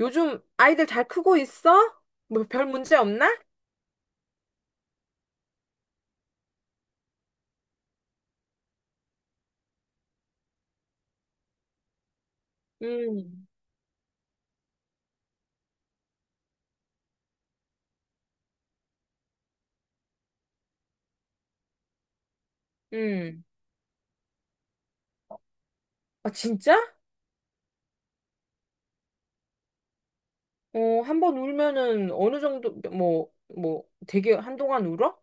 요즘 아이들 잘 크고 있어? 뭐 별 문제 없나? 음, 음. 아, 진짜? 어, 한번 울면은 어느 정도, 뭐, 뭐, 되게 한동안 울어?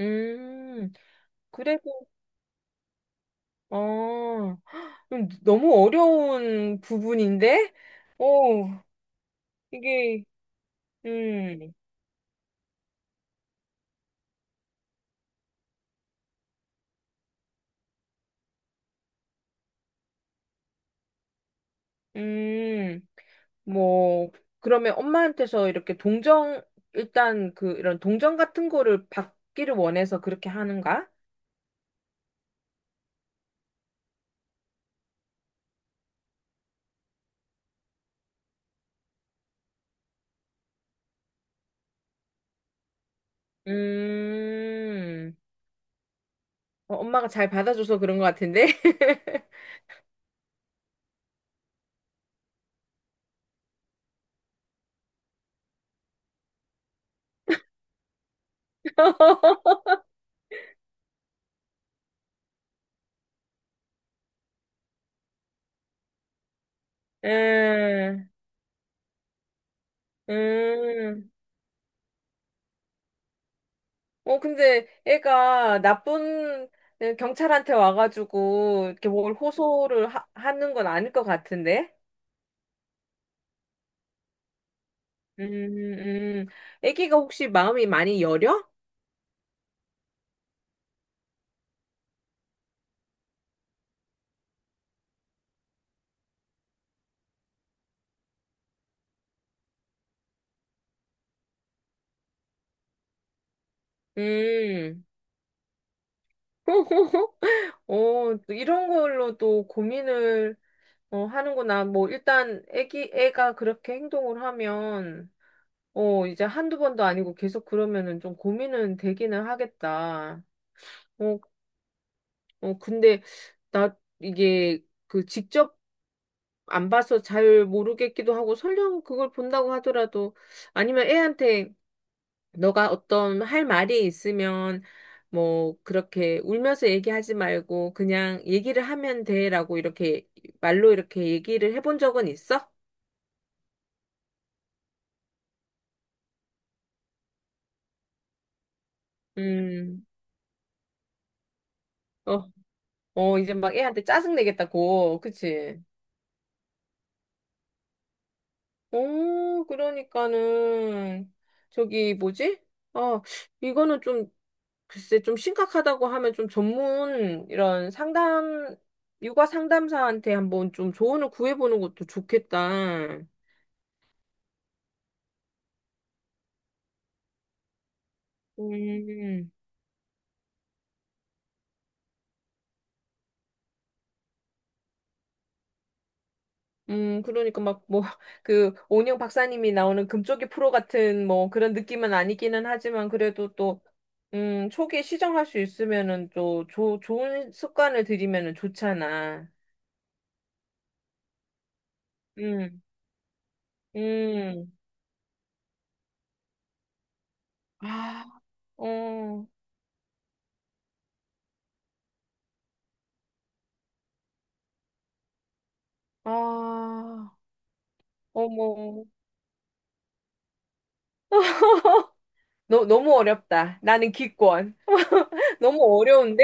음, 그래도, 어, 너무 어려운 부분인데? 어, 이게, 음, 음, 뭐, 그러면 엄마한테서 이렇게 동정, 일단 그, 이런 동정 같은 거를 받기를 원해서 그렇게 하는가? 음, 어, 엄마가 잘 받아줘서 그런 것 같은데? 음, 음. 어, 근데 애가 나쁜 응, 경찰한테 와가지고 이렇게 뭘 호소를 하는 건 아닐 것 같은데? 음, 음. 애기가 혹시 마음이 많이 여려? 음. 어, 또 이런 걸로 또 고민을 어, 하는구나. 뭐, 일단 애기, 애가 그렇게 행동을 하면 어, 이제 한두 번도 아니고 계속 그러면은 좀 고민은 되기는 하겠다. 어, 어, 근데 나 이게 그 직접 안 봐서 잘 모르겠기도 하고 설령 그걸 본다고 하더라도 아니면 애한테 너가 어떤 할 말이 있으면 뭐 그렇게 울면서 얘기하지 말고 그냥 얘기를 하면 돼라고 이렇게 말로 이렇게 얘기를 해본 적은 있어? 음, 어, 어, 이제 막 애한테 짜증 내겠다고, 그치? 오, 그러니까는, 저기, 뭐지? 아, 이거는 좀, 글쎄, 좀 심각하다고 하면 좀 전문, 이런 상담, 육아 상담사한테 한번 좀 조언을 구해보는 것도 좋겠다. 음, 그러니까 막, 뭐, 그, 오은영 박사님이 나오는 금쪽이 프로 같은, 뭐, 그런 느낌은 아니기는 하지만, 그래도 또, 초기에 시정할 수 있으면은 또, 조, 좋은 습관을 들이면은 좋잖아. 음, 음. 아, 어, 아, 어머. 너무 어렵다. 나는 기권. 너무 어려운데?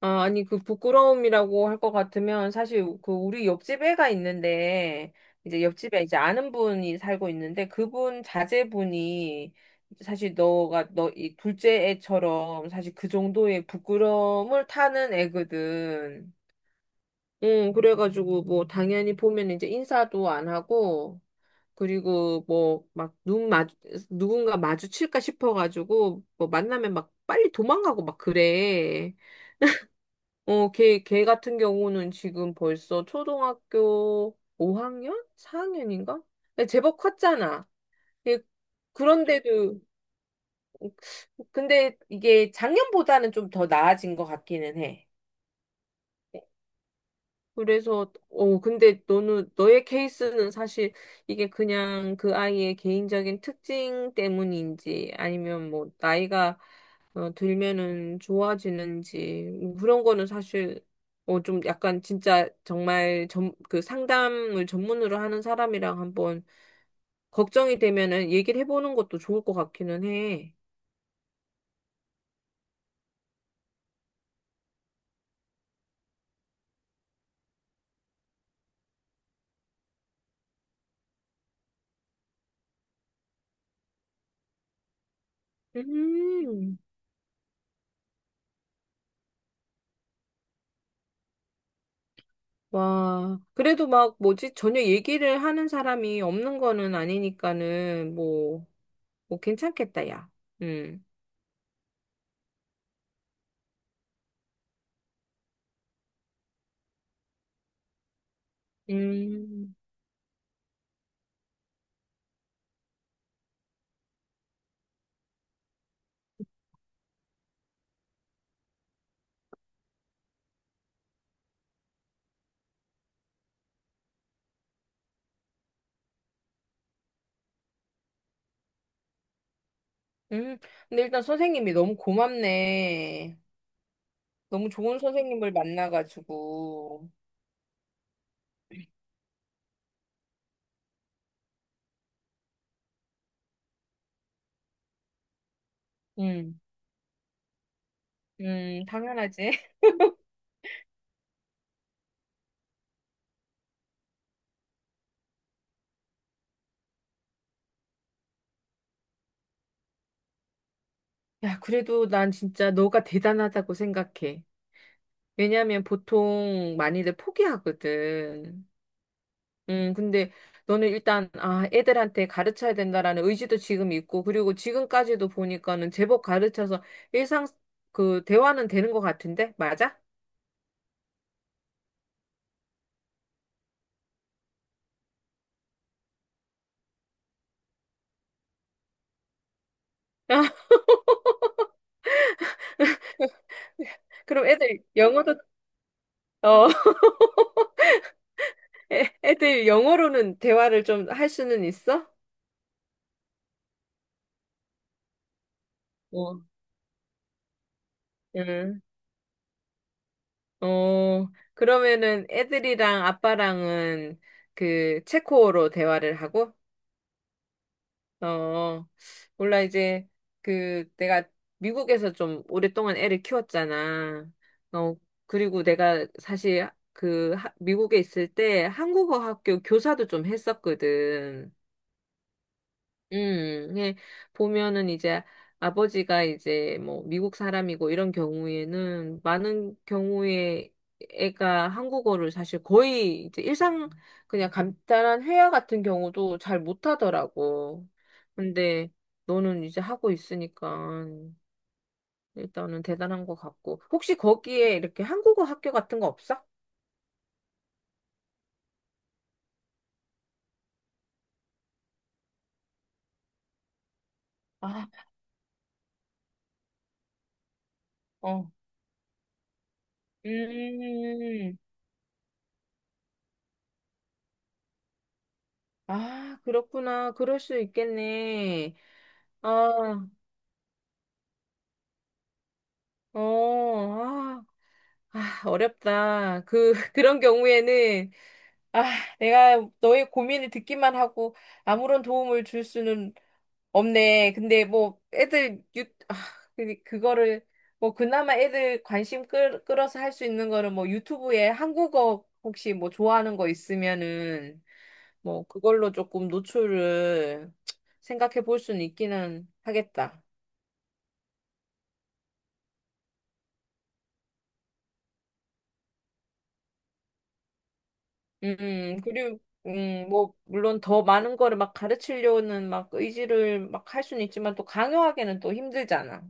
아, 아니, 그 부끄러움이라고 할 것 같으면 사실 그 우리 옆집 애가 있는데, 이제 옆집에 이제 아는 분이 살고 있는데, 그분 자제분이 사실 너가, 너 이 둘째 애처럼 사실 그 정도의 부끄러움을 타는 애거든. 응, 그래가지고 뭐 당연히 보면 이제 인사도 안 하고, 그리고 뭐 막 눈 마주 누군가 마주칠까 싶어가지고 뭐 만나면 막 빨리 도망가고 막 그래. 어, 걔 같은 경우는 지금 벌써 초등학교 5학년? 4학년인가? 제법 컸잖아. 예, 그런데도 근데 이게 작년보다는 좀 더 나아진 것 같기는 해. 그래서 어 근데 너는 너의 케이스는 사실 이게 그냥 그 아이의 개인적인 특징 때문인지 아니면 뭐 나이가 어, 들면은 좋아지는지 뭐 그런 거는 사실 어 좀 약간 진짜 정말 전 그 상담을 전문으로 하는 사람이랑 한번 걱정이 되면은 얘기를 해보는 것도 좋을 것 같기는 해. 음. 와, 그래도 막 뭐지? 전혀 얘기를 하는 사람이 없는 거는 아니니까는 뭐 오, 괜찮겠다, 야. 음. 음. 음. 근데 일단 선생님이 너무 고맙네. 너무 좋은 선생님을 만나가지고. 음. 당연하지. 야, 그래도 난 진짜 너가 대단하다고 생각해. 왜냐면 보통 많이들 포기하거든. 근데 너는 일단, 아, 애들한테 가르쳐야 된다라는 의지도 지금 있고, 그리고 지금까지도 보니까는 제법 가르쳐서 일상, 그, 대화는 되는 것 같은데? 맞아? 그럼 애들 영어도, 어, 애들 영어로는 대화를 좀 할 수는 있어? 어, 응. 어, 그러면은 애들이랑 아빠랑은 그 체코어로 대화를 하고, 어, 몰라, 이제 그 내가 미국에서 좀 오랫동안 애를 키웠잖아. 어, 그리고 내가 사실 그 미국에 있을 때 한국어 학교 교사도 좀 했었거든. 예, 보면은 이제 아버지가 이제 뭐 미국 사람이고 이런 경우에는 많은 경우에 애가 한국어를 사실 거의 이제 일상 그냥 간단한 회화 같은 경우도 잘 못하더라고. 근데 너는 이제 하고 있으니까 일단은 대단한 것 같고. 혹시 거기에 이렇게 한국어 학교 같은 거 없어? 아, 어. 음, 아, 그렇구나. 그럴 수 있겠네. 아, 어, 아, 아, 어렵다. 그, 그런 경우에는, 아, 내가 너의 고민을 듣기만 하고 아무런 도움을 줄 수는 없네. 근데 뭐, 애들, 유, 아, 그 그거를, 뭐, 그나마 애들 관심 끌, 끌어서 할 수 있는 거는 뭐, 유튜브에 한국어 혹시 뭐, 좋아하는 거 있으면은, 뭐, 그걸로 조금 노출을 생각해 볼 수는 있기는 하겠다. 그리고, 뭐, 물론 더 많은 거를 막 가르치려는 막 의지를 막 할 수는 있지만 또 강요하기는 또 힘들잖아.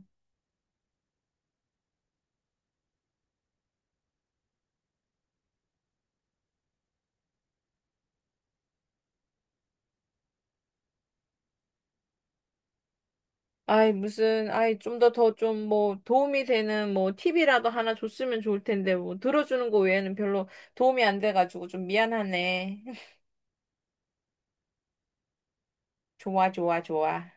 아이, 무슨, 아이, 좀 더 더 좀 뭐 도움이 되는 뭐 팁이라도 하나 줬으면 좋을 텐데 뭐 들어주는 거 외에는 별로 도움이 안 돼가지고 좀 미안하네. 좋아, 좋아, 좋아.